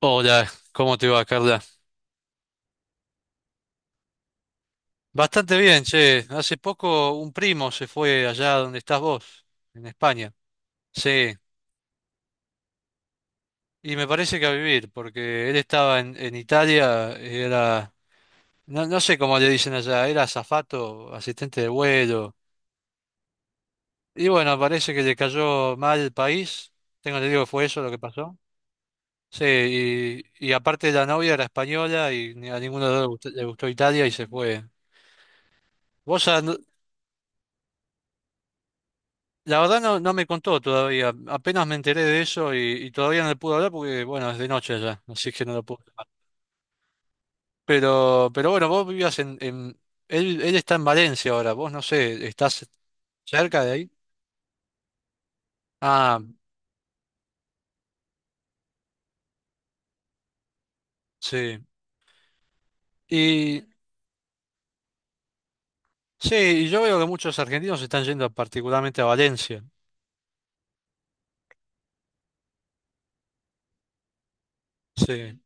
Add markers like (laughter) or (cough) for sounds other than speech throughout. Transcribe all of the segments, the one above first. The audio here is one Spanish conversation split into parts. Hola, ¿cómo te va, Carla? Bastante bien, che. Hace poco un primo se fue allá donde estás vos, en España. Sí, y me parece que a vivir, porque él estaba en Italia, era, no sé cómo le dicen allá, era azafato, asistente de vuelo. Y bueno, parece que le cayó mal el país. Tengo que digo que fue eso lo que pasó. Sí, y aparte la novia era española y a ninguno de los dos le gustó Italia y se fue. ¿Vos a, no, La verdad no me contó todavía, apenas me enteré de eso y todavía no le pude hablar porque, bueno, es de noche ya, así que no lo puedo llamar. Pero bueno, vos vivías Él, él está en Valencia ahora, vos no sé, ¿estás cerca de ahí? Ah, sí. Y sí, y yo veo que muchos argentinos están yendo particularmente a Valencia. Sí.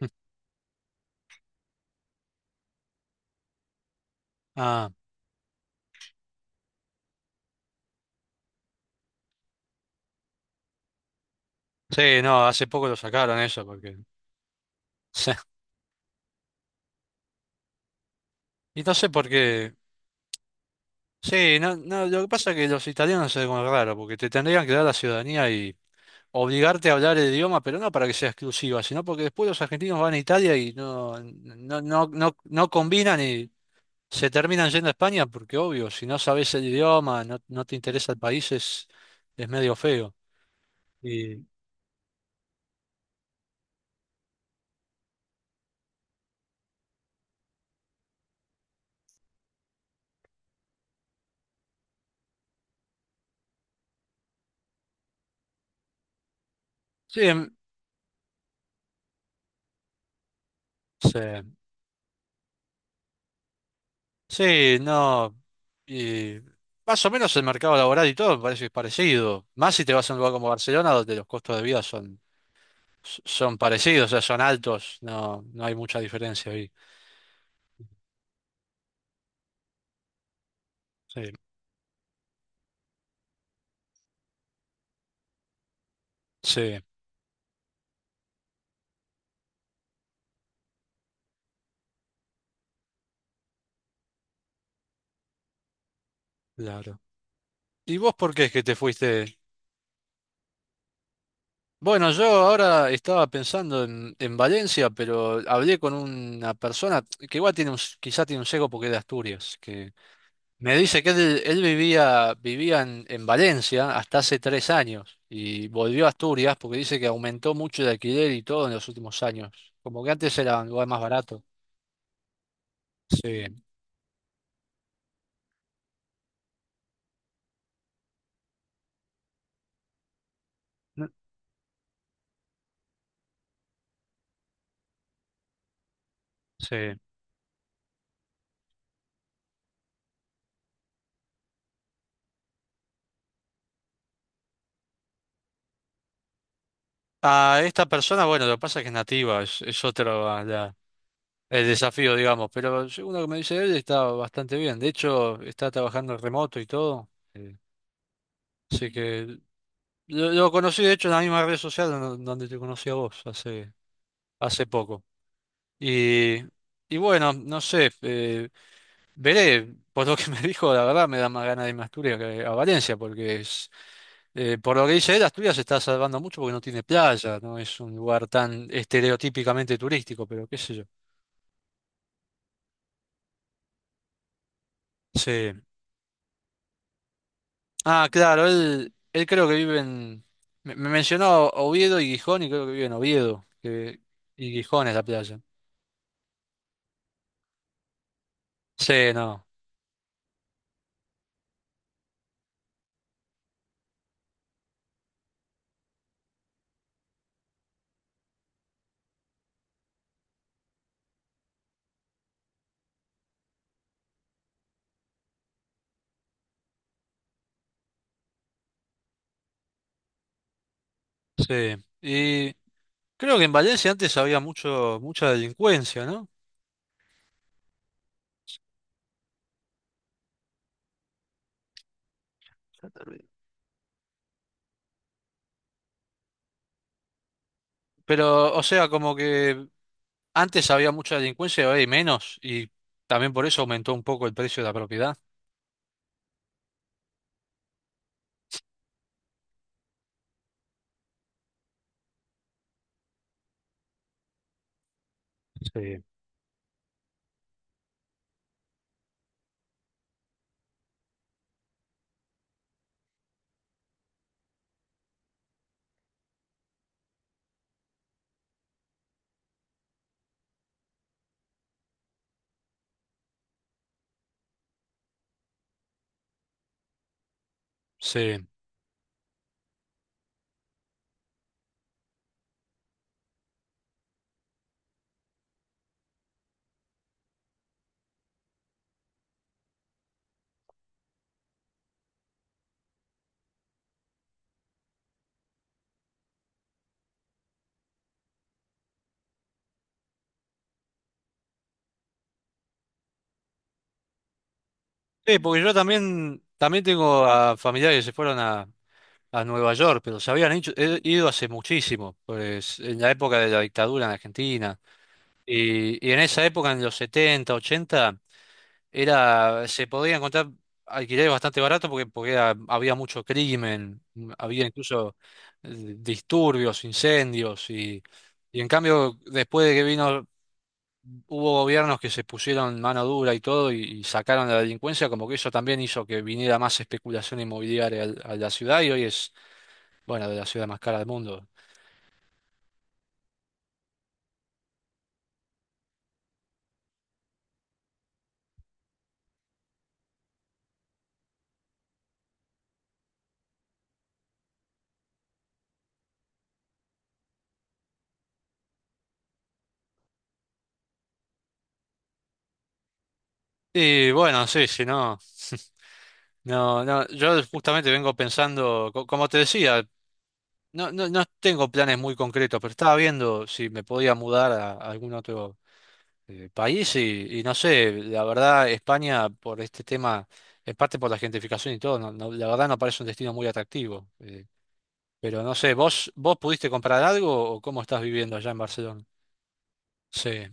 (laughs) Ah, sí, no, hace poco lo sacaron eso porque... (laughs) Y no sé por qué... Sí, no, no, lo que pasa es que los italianos es algo raro, porque te tendrían que dar la ciudadanía obligarte a hablar el idioma, pero no para que sea exclusiva, sino porque después los argentinos van a Italia y no, no, no, no, no combinan y se terminan yendo a España porque obvio, si no sabes el idioma, no, no te interesa el país, es medio feo. Y sí, sí, sí, no, y más o menos el mercado laboral y todo me parece que es parecido, más si te vas a un lugar como Barcelona donde los costos de vida son, son parecidos, o sea, son altos, no hay mucha diferencia ahí. Sí, sí, claro. ¿Y vos por qué es que te fuiste? Bueno, yo ahora estaba pensando en Valencia, pero hablé con una persona que igual tiene un, quizá tiene un sesgo porque es de Asturias, que me dice que él vivía en Valencia hasta hace tres años y volvió a Asturias porque dice que aumentó mucho el alquiler y todo en los últimos años. Como que antes era un lugar más barato. Sí, no- sí. A esta persona, bueno, lo que pasa es que es nativa, es otra, el desafío, digamos, pero según lo que me dice él, está bastante bien. De hecho, está trabajando en remoto y todo. eh, así que lo conocí, de hecho, en la misma red social donde te conocí a vos hace, hace poco. Y, y bueno, no sé, veré, por lo que (laughs) me dijo, la verdad me da más ganas de irme a Asturias que a Valencia, porque es, por lo que dice él, Asturias se está salvando mucho porque no tiene playa, no es un lugar tan estereotípicamente turístico, pero qué sé yo. Sí. Ah, claro, él creo que vive en... me mencionó Oviedo y Gijón y creo que vive en Oviedo. Y Gijón es la playa. Sí, no, sí. Y creo que en Valencia antes había mucho, mucha delincuencia, ¿no? Ya terminé. Pero, o sea, como que antes había mucha delincuencia y ahora hay menos, y también por eso aumentó un poco el precio de la propiedad. Sí. Sí. Sí, porque yo también, también tengo a familiares que se fueron a Nueva York, pero he ido hace muchísimo, pues, en la época de la dictadura en Argentina. Y en esa época, en los 70, 80, era, se podía encontrar alquileres bastante baratos porque, había mucho crimen, había incluso disturbios, incendios. Y en cambio, después de que vino, hubo gobiernos que se pusieron mano dura y todo y sacaron la delincuencia, como que eso también hizo que viniera más especulación inmobiliaria a la ciudad y hoy es bueno, de la ciudad más cara del mundo. Y bueno, sí, si no, no, no, yo justamente vengo pensando, como te decía, no, no, no tengo planes muy concretos, pero estaba viendo si me podía mudar a algún otro país y no sé, la verdad, España por este tema, en parte por la gentrificación y todo, no, no, la verdad no parece un destino muy atractivo. Pero no sé, ¿ vos pudiste comprar algo o cómo estás viviendo allá en Barcelona? Sí,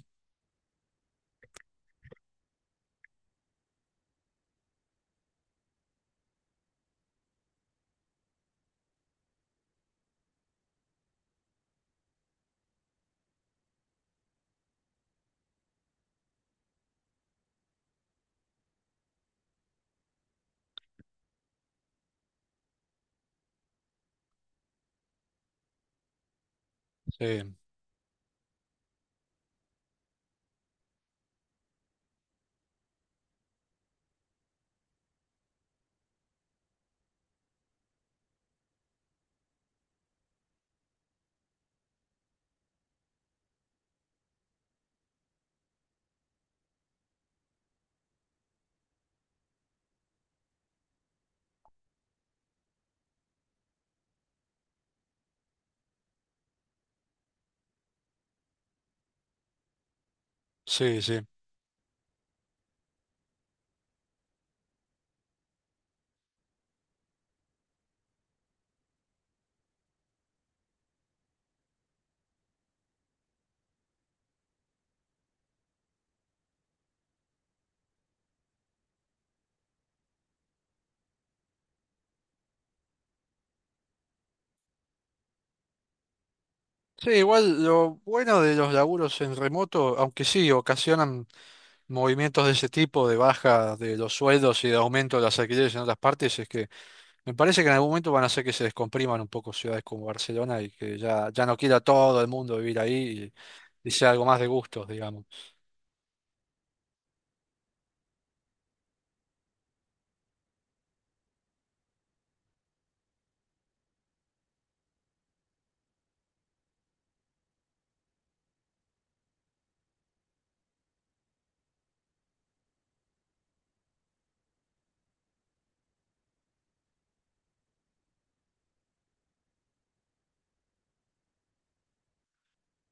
sí, sí, sí. Sí, igual lo bueno de los laburos en remoto, aunque sí ocasionan movimientos de ese tipo, de baja de los sueldos y de aumento de las alquileres en otras partes, es que me parece que en algún momento van a hacer que se descompriman un poco ciudades como Barcelona y que ya, ya no quiera todo el mundo vivir ahí y sea algo más de gustos, digamos.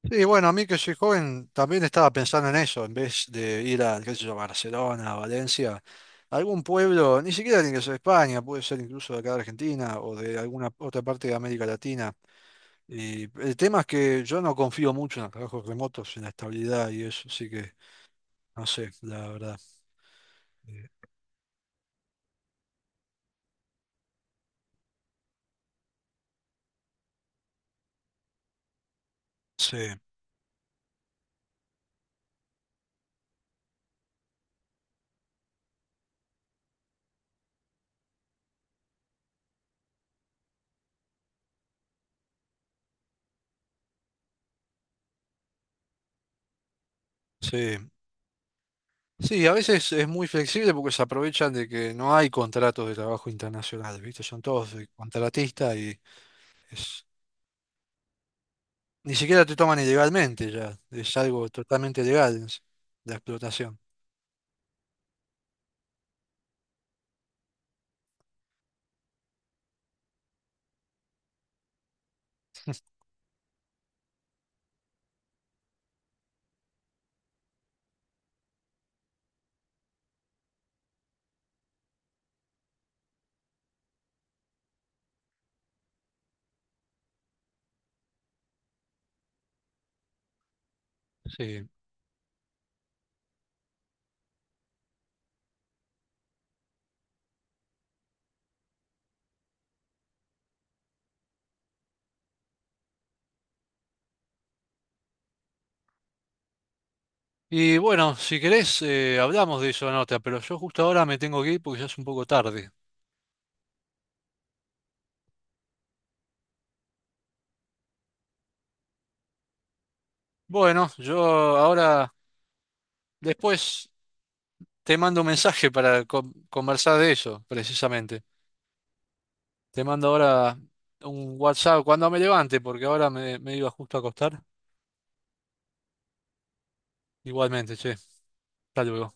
Sí, bueno, a mí que soy joven también estaba pensando en eso, en vez de ir a, qué sé yo, Barcelona, Valencia, algún pueblo, ni siquiera tiene que ser España, puede ser incluso de acá de Argentina o de alguna otra parte de América Latina. Y el tema es que yo no confío mucho en los trabajos remotos, en la estabilidad y eso, así que no sé, la verdad. Eh, Sí, sí. Sí, a veces es muy flexible porque se aprovechan de que no hay contratos de trabajo internacional, ¿viste? Son todos de contratistas y es- ni siquiera te toman ilegalmente ya, es algo totalmente legal es la explotación. Sí. Y bueno, si querés, hablamos de eso, en otra pero yo justo ahora me tengo que ir porque ya es un poco tarde. Bueno, yo ahora, después... Te mando un mensaje para conversar de eso, precisamente. Te mando ahora un WhatsApp cuando me levante, porque ahora me iba justo a acostar. Igualmente, che. Hasta luego.